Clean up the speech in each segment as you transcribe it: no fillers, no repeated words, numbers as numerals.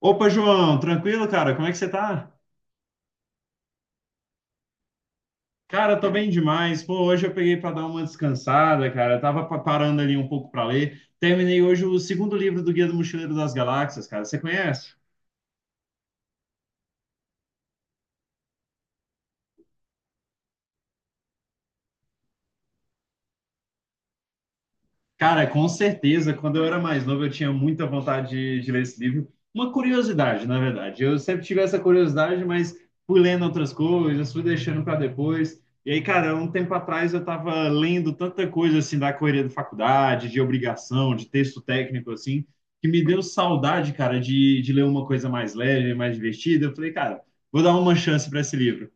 Opa, João, tranquilo, cara? Como é que você tá? Cara, tô bem demais. Pô, hoje eu peguei para dar uma descansada, cara. Eu tava parando ali um pouco para ler. Terminei hoje o segundo livro do Guia do Mochileiro das Galáxias, cara. Você conhece? Cara, com certeza, quando eu era mais novo, eu tinha muita vontade de ler esse livro. Uma curiosidade, na verdade. Eu sempre tive essa curiosidade, mas fui lendo outras coisas, fui deixando para depois. E aí, cara, um tempo atrás eu estava lendo tanta coisa assim da correria da faculdade, de obrigação, de texto técnico assim, que me deu saudade, cara, de ler uma coisa mais leve, mais divertida. Eu falei, cara, vou dar uma chance para esse livro.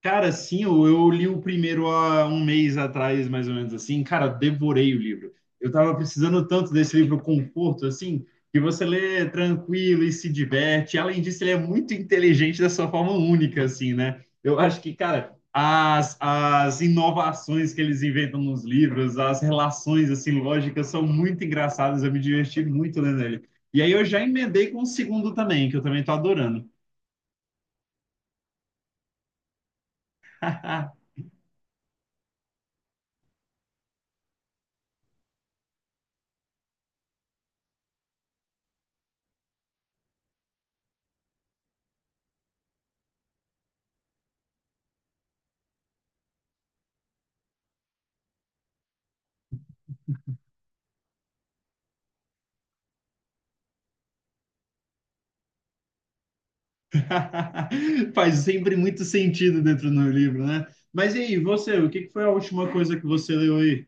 Cara, sim, eu li o primeiro há um mês atrás, mais ou menos assim. Cara, devorei o livro. Eu tava precisando tanto desse livro conforto, assim, que você lê tranquilo e se diverte. Além disso, ele é muito inteligente da sua forma única, assim, né? Eu acho que, cara, as inovações que eles inventam nos livros, as relações, assim, lógicas são muito engraçadas. Eu me diverti muito lendo ele. E aí eu já emendei com o segundo também, que eu também tô adorando. Faz sempre muito sentido dentro do livro, né? Mas e aí, você, o que que foi a última coisa que você leu aí?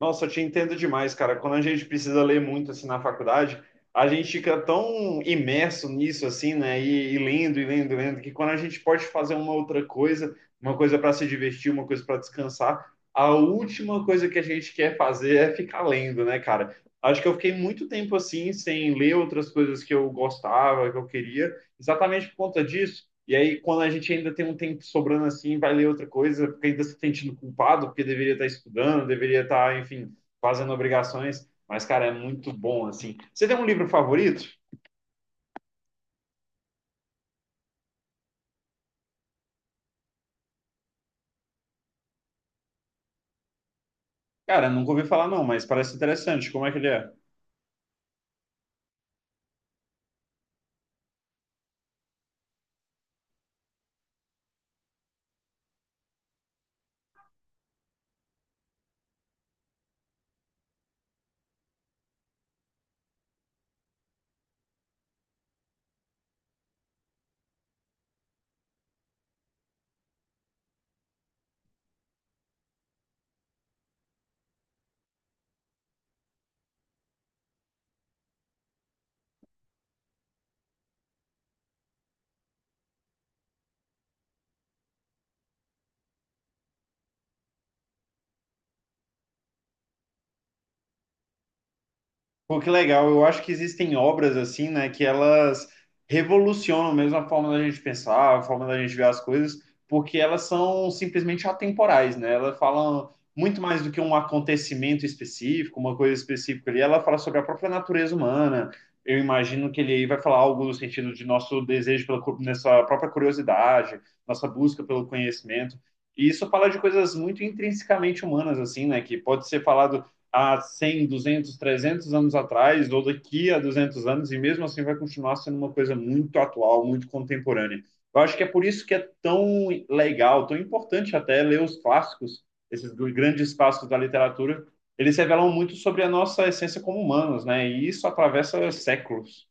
Nossa, eu te entendo demais, cara. Quando a gente precisa ler muito assim na faculdade, a gente fica tão imerso nisso assim, né? E lendo, e lendo, e lendo, que quando a gente pode fazer uma outra coisa, uma coisa para se divertir, uma coisa para descansar, a última coisa que a gente quer fazer é ficar lendo, né, cara? Acho que eu fiquei muito tempo assim sem ler outras coisas que eu gostava, que eu queria, exatamente por conta disso. E aí, quando a gente ainda tem um tempo sobrando assim, vai ler outra coisa, porque ainda se sentindo culpado, porque deveria estar estudando, deveria estar, enfim, fazendo obrigações. Mas, cara, é muito bom, assim. Você tem um livro favorito? Cara, nunca ouvi falar, não, mas parece interessante. Como é que ele é? Pô, que legal. Eu acho que existem obras assim, né, que elas revolucionam mesmo a forma da gente pensar, a forma da gente ver as coisas, porque elas são simplesmente atemporais, né? Elas falam muito mais do que um acontecimento específico, uma coisa específica ali. Ela fala sobre a própria natureza humana. Eu imagino que ele aí vai falar algo no sentido de nosso desejo pela nessa própria curiosidade, nossa busca pelo conhecimento. E isso fala de coisas muito intrinsecamente humanas, assim, né? Que pode ser falado há 100, 200, 300 anos atrás, ou daqui a 200 anos, e mesmo assim vai continuar sendo uma coisa muito atual, muito contemporânea. Eu acho que é por isso que é tão legal, tão importante até ler os clássicos, esses grandes clássicos da literatura, eles revelam muito sobre a nossa essência como humanos, né? E isso atravessa séculos.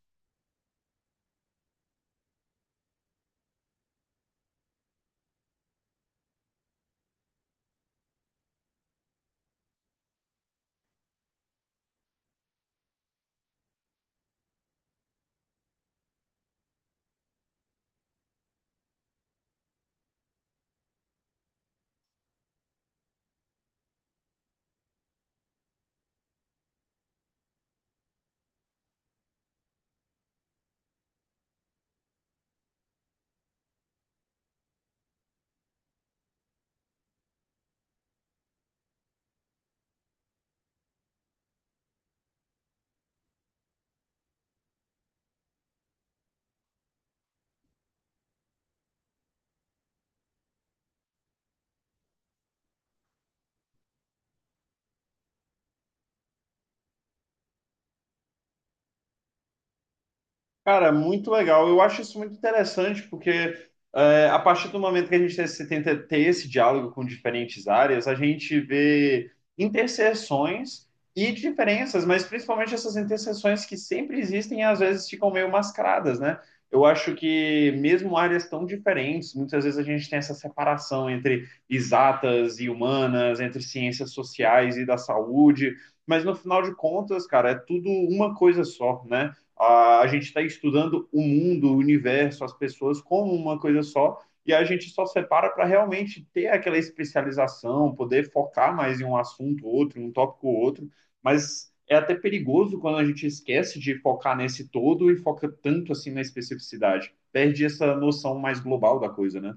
Cara, muito legal. Eu acho isso muito interessante, porque é, a partir do momento que a gente tenta ter esse diálogo com diferentes áreas, a gente vê interseções e diferenças, mas principalmente essas interseções que sempre existem e às vezes ficam meio mascaradas, né? Eu acho que mesmo áreas tão diferentes, muitas vezes a gente tem essa separação entre exatas e humanas, entre ciências sociais e da saúde, mas no final de contas, cara, é tudo uma coisa só, né? A, gente está estudando o mundo, o universo, as pessoas como uma coisa só, e a gente só separa para realmente ter aquela especialização, poder focar mais em um assunto ou outro, em um tópico ou outro, mas é até perigoso quando a gente esquece de focar nesse todo e foca tanto assim na especificidade. Perde essa noção mais global da coisa, né?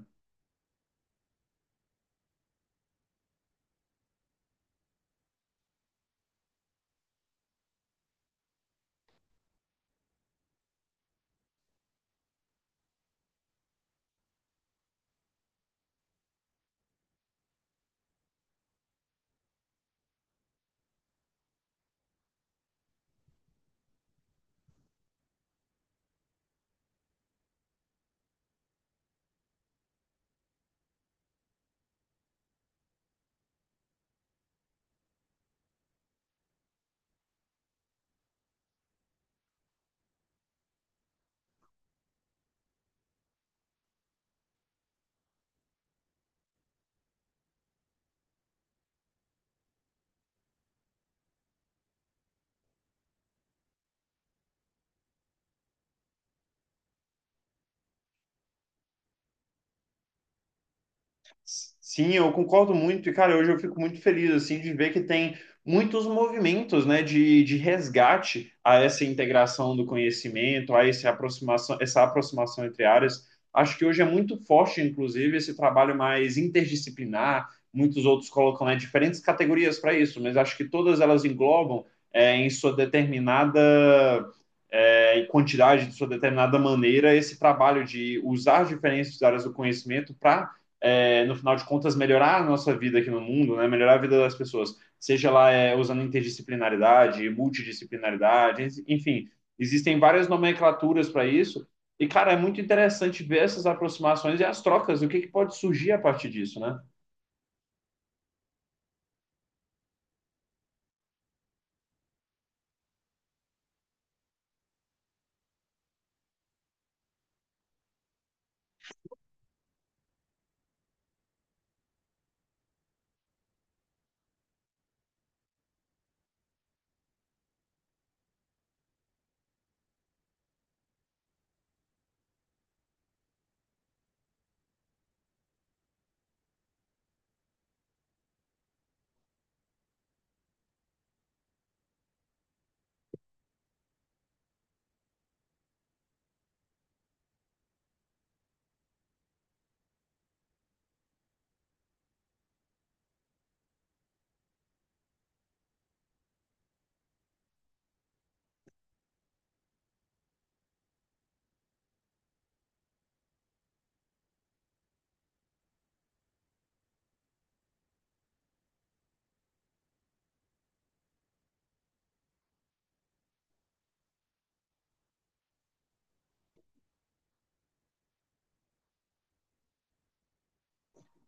Sim, eu concordo muito. E, cara, hoje eu fico muito feliz, assim, de ver que tem muitos movimentos, né, de resgate a essa integração do conhecimento, a essa aproximação entre áreas. Acho que hoje é muito forte, inclusive, esse trabalho mais interdisciplinar. Muitos outros colocam, né, diferentes categorias para isso, mas acho que todas elas englobam, é, em sua determinada é, quantidade, de sua determinada maneira, esse trabalho de usar as diferentes áreas do conhecimento para é, no final de contas, melhorar a nossa vida aqui no mundo, né? Melhorar a vida das pessoas, seja lá é, usando interdisciplinaridade, multidisciplinaridade, enfim, existem várias nomenclaturas para isso. E, cara, é muito interessante ver essas aproximações e as trocas, o que, que pode surgir a partir disso, né?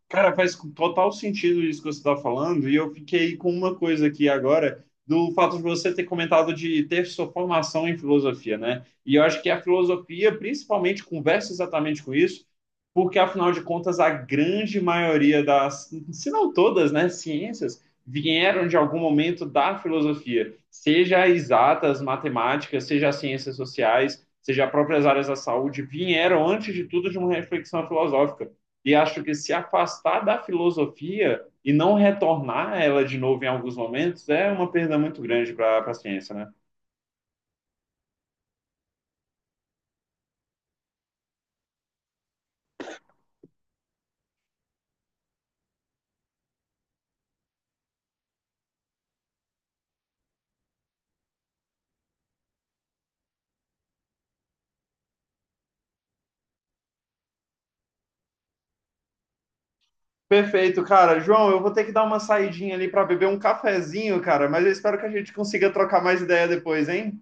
Cara, faz total sentido isso que você está falando, e eu fiquei com uma coisa aqui agora, do fato de você ter comentado de ter sua formação em filosofia, né? E eu acho que a filosofia, principalmente, conversa exatamente com isso, porque, afinal de contas, a grande maioria das, se não todas, né, ciências vieram de algum momento da filosofia, seja exatas, matemática, seja as ciências sociais, seja as próprias áreas da saúde, vieram, antes de tudo, de uma reflexão filosófica. E acho que se afastar da filosofia e não retornar ela de novo em alguns momentos é uma perda muito grande para a ciência, né? Perfeito, cara. João, eu vou ter que dar uma saidinha ali para beber um cafezinho, cara, mas eu espero que a gente consiga trocar mais ideia depois, hein?